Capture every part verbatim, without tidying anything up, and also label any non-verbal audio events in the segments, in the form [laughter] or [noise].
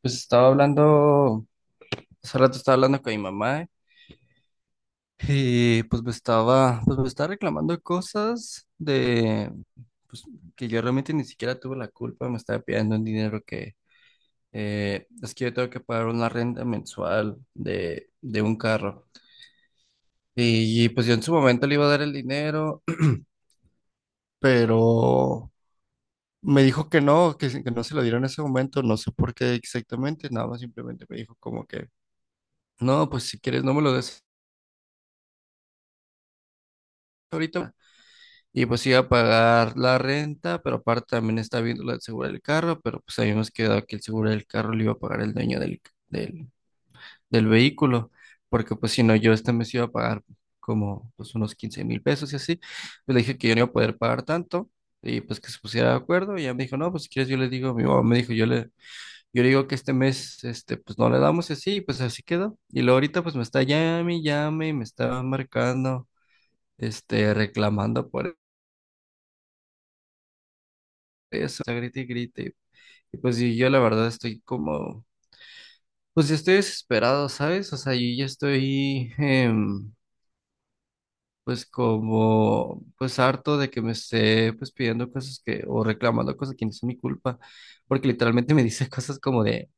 Pues estaba hablando, hace rato estaba hablando con mi mamá y pues me estaba, pues me estaba reclamando cosas de, pues que yo realmente ni siquiera tuve la culpa. Me estaba pidiendo un dinero que, eh, es que yo tengo que pagar una renta mensual de, de un carro. Y pues yo en su momento le iba a dar el dinero, [clears throat] pero me dijo que no, que, se- que no se lo diera en ese momento. No sé por qué exactamente, nada más simplemente me dijo como que, no, pues si quieres no me lo des ahorita. Y pues iba a pagar la renta, pero aparte también estaba viendo la del seguro del carro, pero pues habíamos quedado que el seguro del carro lo iba a pagar el dueño del, del, del vehículo, porque pues si no, yo este mes iba a pagar como pues unos quince mil pesos y así. Pues le dije que yo no iba a poder pagar tanto y pues que se pusiera de acuerdo, y ella me dijo, no, pues si quieres yo le digo, mi mamá me dijo, yo le, yo le digo que este mes, este, pues no le damos y así, y pues así quedó. Y luego ahorita pues me está llame y llame, y me está marcando, este, reclamando por eso, o sea, grite y grite. Y pues sí, yo la verdad estoy como, pues ya estoy desesperado, ¿sabes? O sea, yo ya estoy, em, pues como, pues harto de que me esté, pues pidiendo cosas que, o reclamando cosas que no son mi culpa, porque literalmente me dice [laughs] cosas como de,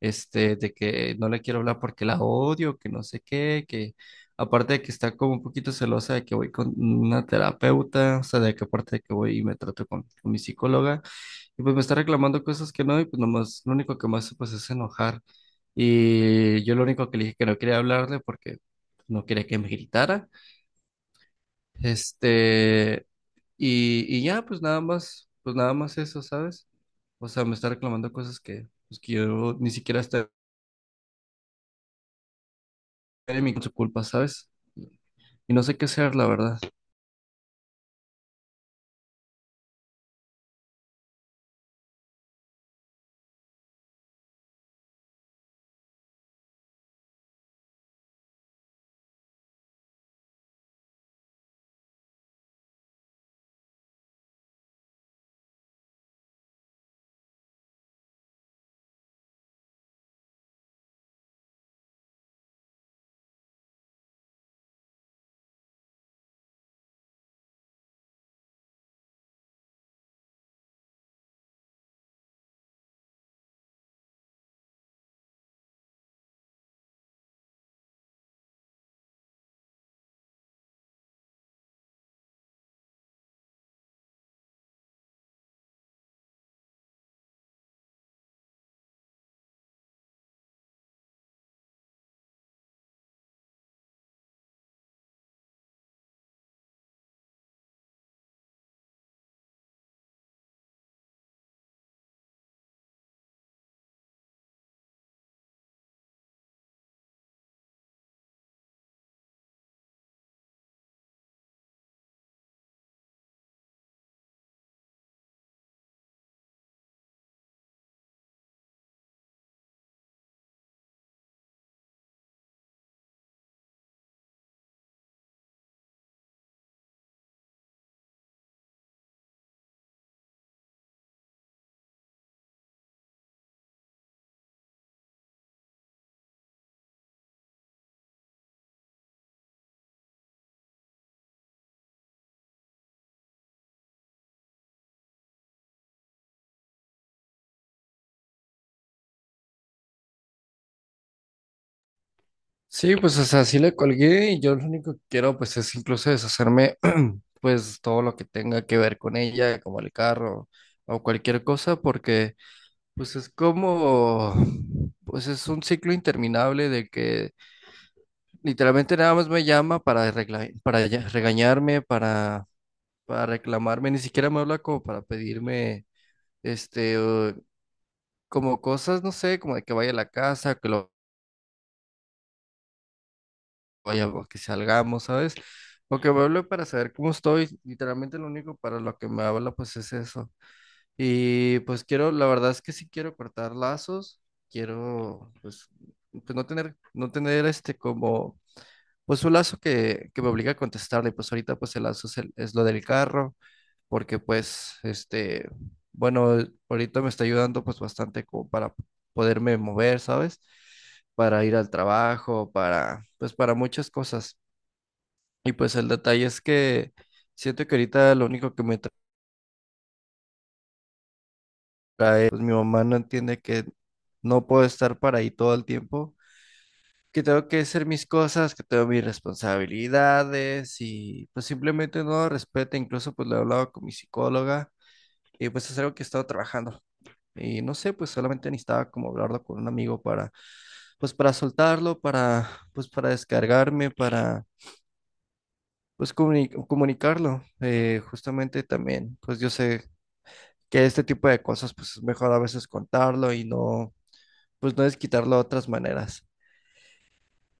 este, de que no le quiero hablar porque la odio, que no sé qué, que aparte de que está como un poquito celosa de que voy con una terapeuta. O sea, de que aparte de que voy y me trato con con mi psicóloga. Y pues me está reclamando cosas que no, y pues nomás, lo único que más pues es enojar. Y yo lo único que le dije que no quería hablarle porque no quería que me gritara. Este, y, y ya, pues nada más, pues nada más eso, ¿sabes? O sea, me está reclamando cosas que, pues que yo ni siquiera estoy en mi con su culpa, ¿sabes? Y no sé qué hacer, la verdad. Sí, pues o sea, sí le colgué y yo lo único que quiero pues es incluso deshacerme [clears throat] pues todo lo que tenga que ver con ella, como el carro o cualquier cosa. Porque pues es como, pues es un ciclo interminable de que literalmente nada más me llama para, regla- para ya- regañarme, para, para reclamarme. Ni siquiera me habla como para pedirme, este, eh, como cosas, no sé, como de que vaya a la casa, que lo vaya, o que salgamos, ¿sabes? Porque me hablo para saber cómo estoy. Literalmente lo único para lo que me habla pues es eso. Y pues quiero, la verdad es que sí quiero cortar lazos, quiero pues, pues no tener, no tener este como, pues un lazo que, que me obliga a contestarle. Pues ahorita pues el lazo es, el- es lo del carro, porque pues este, bueno, ahorita me está ayudando pues bastante como para poderme mover, ¿sabes? Para ir al trabajo, para, pues para muchas cosas. Y pues el detalle es que siento que ahorita lo único que me trae, pues mi mamá no entiende que no puedo estar para ahí todo el tiempo, que tengo que hacer mis cosas, que tengo mis responsabilidades, y pues simplemente no respeta. Incluso pues lo he hablado con mi psicóloga y pues es algo que he estado trabajando. Y no sé, pues solamente necesitaba como hablarlo con un amigo para, pues para soltarlo, para, pues para descargarme, para, pues comuni- comunicarlo. Eh, justamente también, pues yo sé que este tipo de cosas, pues es mejor a veces contarlo y no, pues no es quitarlo de otras maneras.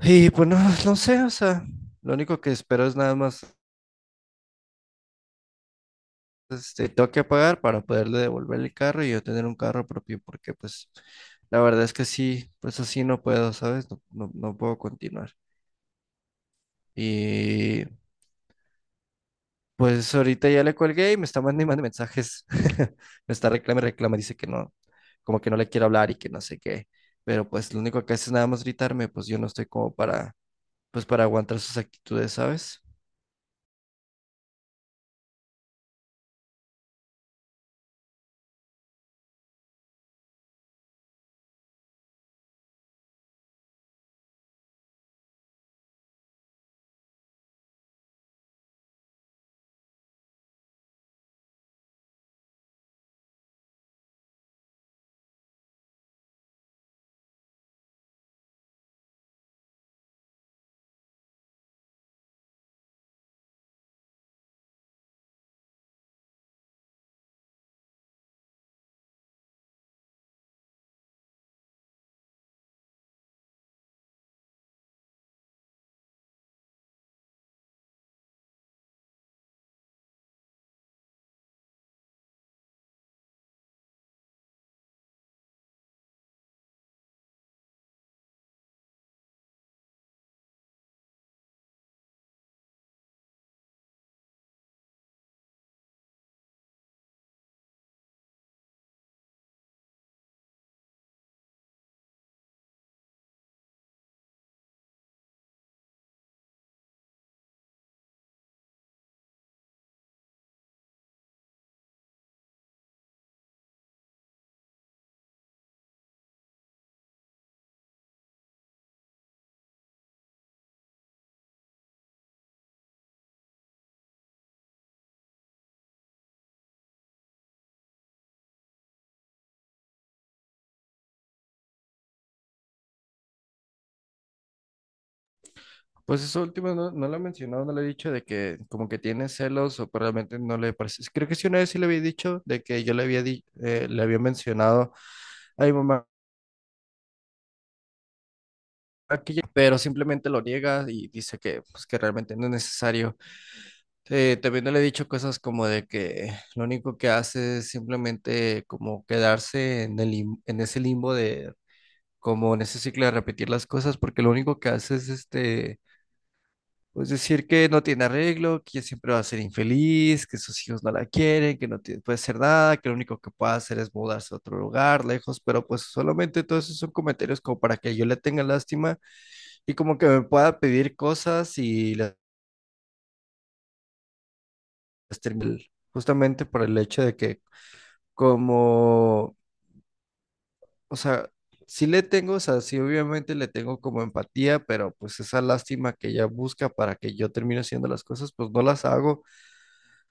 Y pues no, [laughs] no sé, o sea, lo único que espero es nada más, este, tengo que pagar para poderle devolver el carro y yo tener un carro propio, porque pues la verdad es que sí, pues así no puedo, ¿sabes? No, no, no puedo continuar. Y pues ahorita ya le colgué y me está mandando y mandando mensajes. [laughs] Me está reclama y reclama, dice que no, como que no le quiero hablar y que no sé qué. Pero pues lo único que hace es nada más gritarme. Pues yo no estoy como para, pues para aguantar sus actitudes, ¿sabes? Pues eso último no, no lo he mencionado, no le he dicho de que como que tiene celos o pues, realmente no le parece. Creo que sí una vez sí le había dicho de que yo le había, di- eh, le había mencionado a mi mamá que ya- pero simplemente lo niega y dice que pues que realmente no es necesario. Sí, también le he dicho cosas como de que lo único que hace es simplemente como quedarse en el, lim- en ese limbo de, como en ese ciclo de repetir las cosas, porque lo único que hace es este, pues decir que no tiene arreglo, que ella siempre va a ser infeliz, que sus hijos no la quieren, que no tie- puede hacer nada, que lo único que puede hacer es mudarse a otro lugar, lejos. Pero pues solamente todos esos son comentarios como para que yo le tenga lástima y como que me pueda pedir cosas y las termine, justamente por el hecho de que como, o sea, sí le tengo, o sea, sí obviamente le tengo como empatía, pero pues esa lástima que ella busca para que yo termine haciendo las cosas, pues no las hago.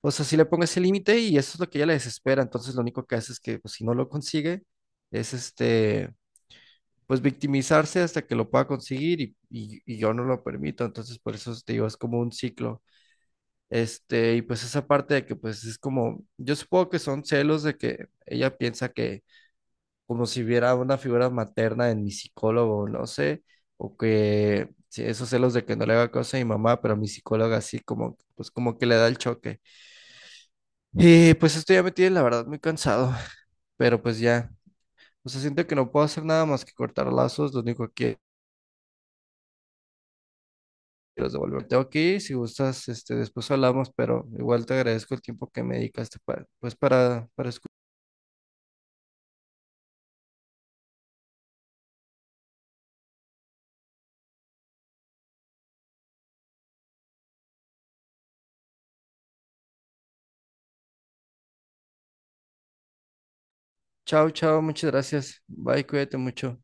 O sea, sí le pongo ese límite y eso es lo que ella le desespera. Entonces lo único que hace es que pues, si no lo consigue, es este, pues victimizarse hasta que lo pueda conseguir, y, y, y yo no lo permito. Entonces por eso te digo, es como un ciclo. Este, y pues esa parte de que pues es como, yo supongo que son celos de que ella piensa que como si hubiera una figura materna en mi psicólogo, no sé, o que sí, esos celos de que no le haga cosa a mi mamá, pero mi psicóloga así como, pues como que le da el choque. Y pues esto ya me tiene, la verdad, muy cansado, [laughs] pero pues ya, o sea, siento que no puedo hacer nada más que cortar lazos. Lo único que quiero es devolverte aquí, si gustas, este, después hablamos, pero igual te agradezco el tiempo que me dedicaste para, pues para, para escuchar. Chao, chao, muchas gracias. Bye, cuídate mucho.